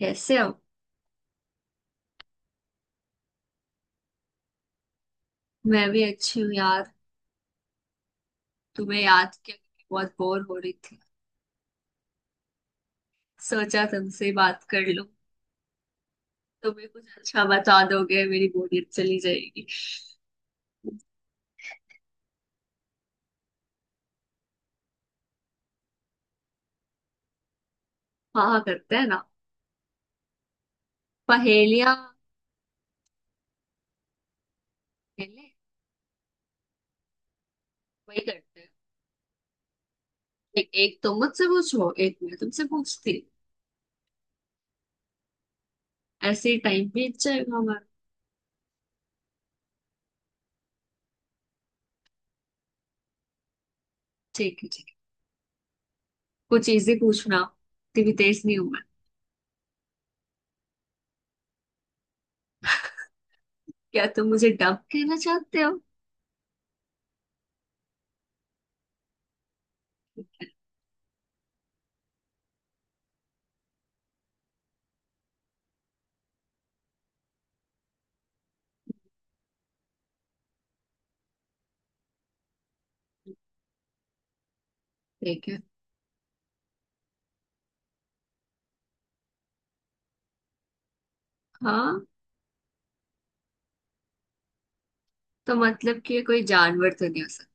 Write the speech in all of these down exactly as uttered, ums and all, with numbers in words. कैसे हो? मैं भी अच्छी हूँ यार। तुम्हें याद किया कि बहुत बोर हो रही थी। सोचा तुमसे बात कर लूं। तुम्हें कुछ अच्छा बता दोगे मेरी बोरियत चली जाएगी। हाँ हाँ, करते हैं ना। पहेलियाँ। पहले वही करते हैं। एक, एक तुम मुझसे पूछो एक मैं तुमसे पूछती हूँ। ऐसे ही टाइम बीत जाएगा हमारा। ठीक है ठीक है। कुछ इजी पूछना। इतनी भी तेज नहीं हूँ मैं। क्या तुम मुझे डब कहना चाहते हो? ठीक है। हाँ, तो मतलब कि ये कोई जानवर तो नहीं हो सकता।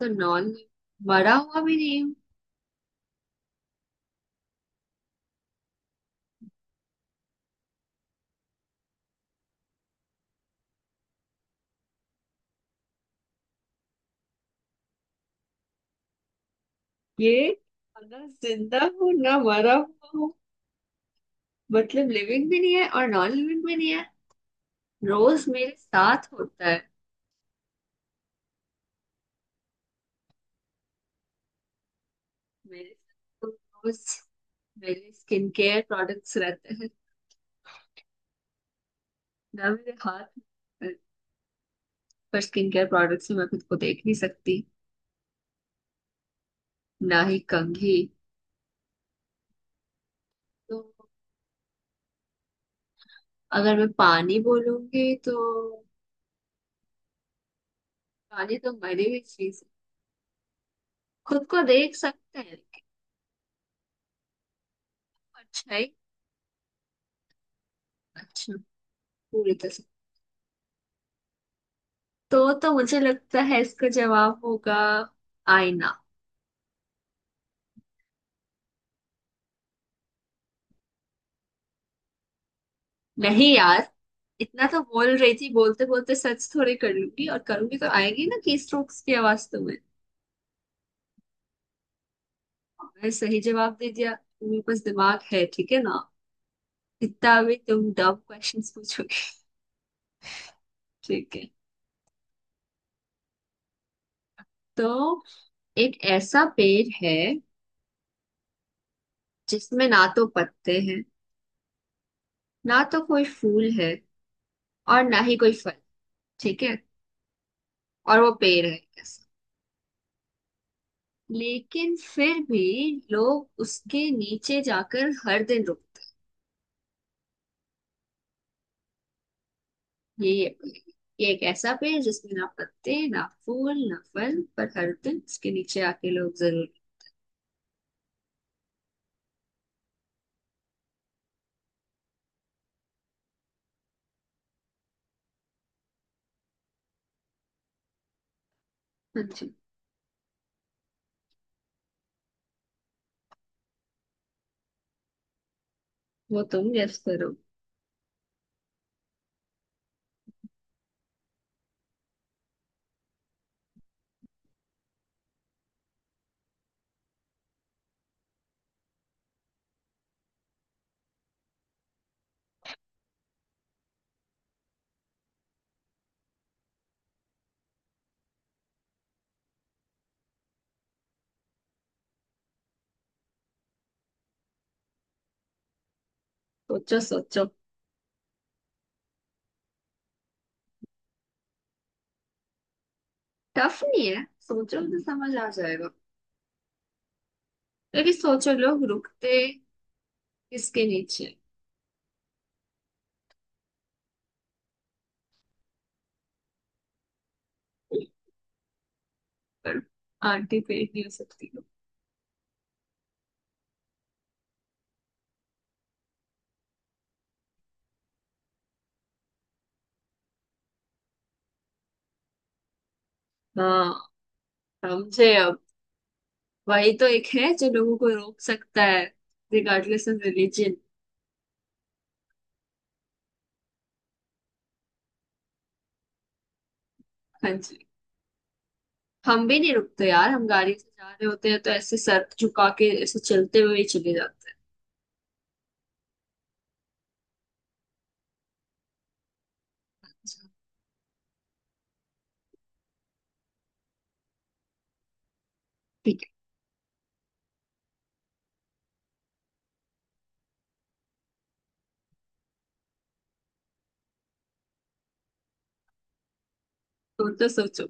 तो नॉन मरा हुआ भी नहीं हूँ। ये ना जिंदा हूँ ना मरा हुआ हूँ। मतलब लिविंग भी नहीं है और नॉन लिविंग भी नहीं है। रोज मेरे साथ होता है। मेरे साथ तो रोज मेरे स्किन केयर प्रोडक्ट्स रहते हैं। ना मेरे हाथ में- पर स्किन केयर प्रोडक्ट्स में मैं खुद को देख नहीं सकती, ना ही कंघी। तो अगर मैं पानी बोलूंगी तो पानी तो मरी हुई चीज है। खुद को देख सकते हैं लेकिन वो अच्छा ही। अच्छा, पूरी तरह। तो तो मुझे लगता है इसका जवाब होगा आईना। नहीं यार। इतना तो बोल रही थी, बोलते बोलते सर्च थोड़े कर लूंगी, और करूंगी तो आएगी ना की स्ट्रोक्स की आवाज तुम्हें। मैं सही जवाब दे दिया, तुम्हें पास दिमाग है ठीक है ना। इतना अभी तुम डब क्वेश्चंस पूछोगे। ठीक है। तो एक ऐसा पेड़ है जिसमें ना तो पत्ते हैं, ना तो कोई फूल है, और ना ही कोई फल। ठीक है। और वो पेड़ है, लेकिन फिर भी लोग उसके नीचे जाकर हर दिन रुकते हैं। यही है पेड़। ये एक ऐसा पेड़ है जिसमें ना पत्ते ना फूल ना फल, पर हर दिन उसके नीचे आके लोग जरूर। हाँ जी। वो तुम गेस करो। सोचो सोचो। टफ नहीं है, सोचो तो समझ आ जाएगा। लेकिन सोचो लोग रुकते किसके नीचे। पर आंटी पेड़ नहीं हो सकती हो। हाँ, समझे अब। वही तो एक है जो लोगों को रोक सकता है। Regardless of religion. हाँ जी। हम भी नहीं रुकते यार, हम गाड़ी से जा रहे होते हैं तो ऐसे सर झुका के ऐसे चलते हुए ही चले जाते हैं। ठीक है। तो तो सोचो।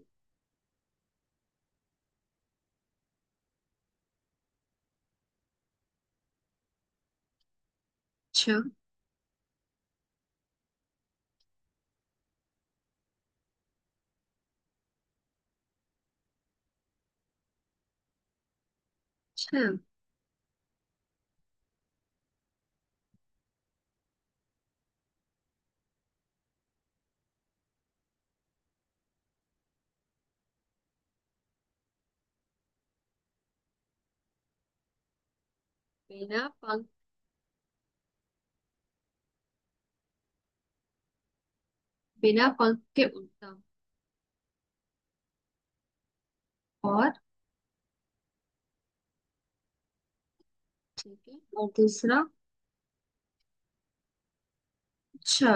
अच्छा अच्छा। बिना पंख, बिना पंख के उड़ता हूँ, और ठीक है। और दूसरा अच्छा।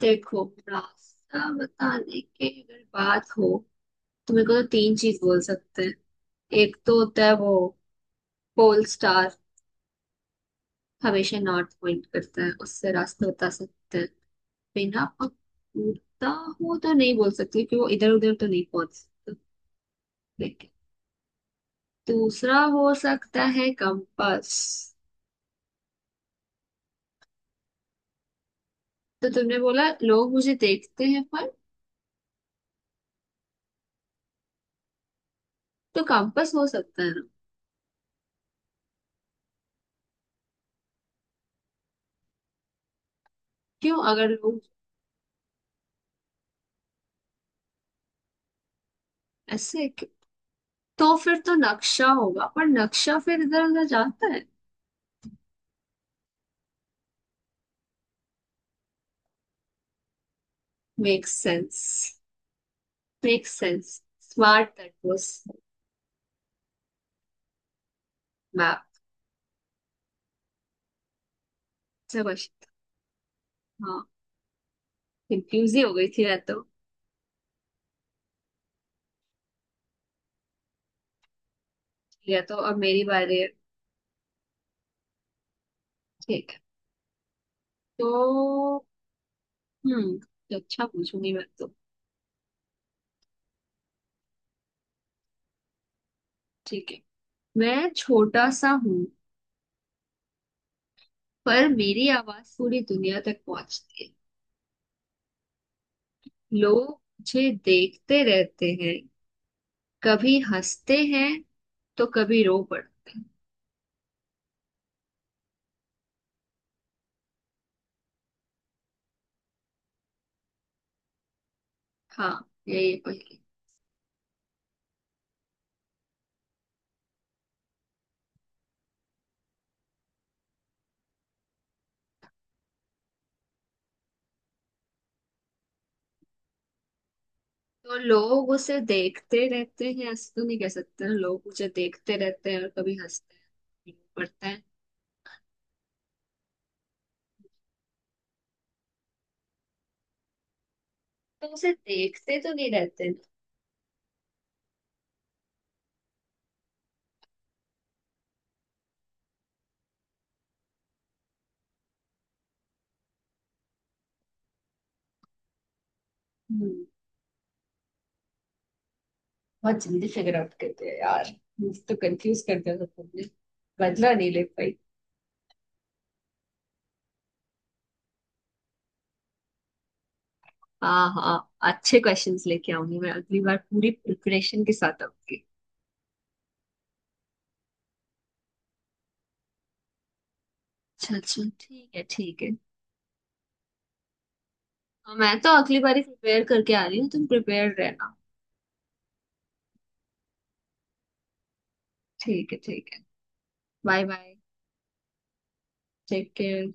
देखो, रास्ता बताने के अगर बात हो तो मेरे को तो तीन चीज बोल सकते हैं। एक तो होता है वो पोल स्टार, हमेशा नॉर्थ पॉइंट करता है, उससे रास्ता बता सकते हैं। बिना पकड़ता हो तो नहीं बोल सकती कि वो इधर उधर तो नहीं पहुंच सकते। दूसरा हो सकता है कंपास। तो तुमने बोला लोग मुझे देखते हैं पर। तो कंपास हो सकता है ना। क्यों अगर लोग ऐसे क्यों? तो फिर तो नक्शा होगा, पर नक्शा फिर इधर उधर जाता है। Make sense, make sense. Smart that was. Map. सब। हाँ। कंफ्यूज ही हो गई थी या तो। या तो अब मेरी बारी है। ठीक है। तो हम्म तो अच्छा पूछूंगी मैं तो। ठीक है। मैं छोटा सा हूँ, पर मेरी आवाज पूरी दुनिया तक पहुंचती है। लोग मुझे देखते रहते हैं, कभी हंसते हैं तो कभी रो पड़ते हैं। हाँ, यही है पहली। तो लोग उसे देखते रहते हैं ऐसे तो नहीं कह सकते ना, लोग मुझे देखते रहते हैं और कभी हंसते हैं रो पड़ते हैं। तो उसे देखते तो नहीं रहते ना। हम्म। बहुत जल्दी फिगर आउट करते हैं यार। मुझे तो कंफ्यूज कर दिया था तुमने। बदला नहीं ले पाई। हाँ हाँ, अच्छे क्वेश्चंस लेके आऊंगी, मैं अगली बार पूरी प्रिपरेशन के साथ आऊंगी। अच्छा अच्छा, ठीक है ठीक है। हाँ, मैं तो अगली बार ही प्रिपेयर करके आ रही हूँ, तुम प्रिपेयर रहना। ठीक है ठीक है। Bye bye. Take care.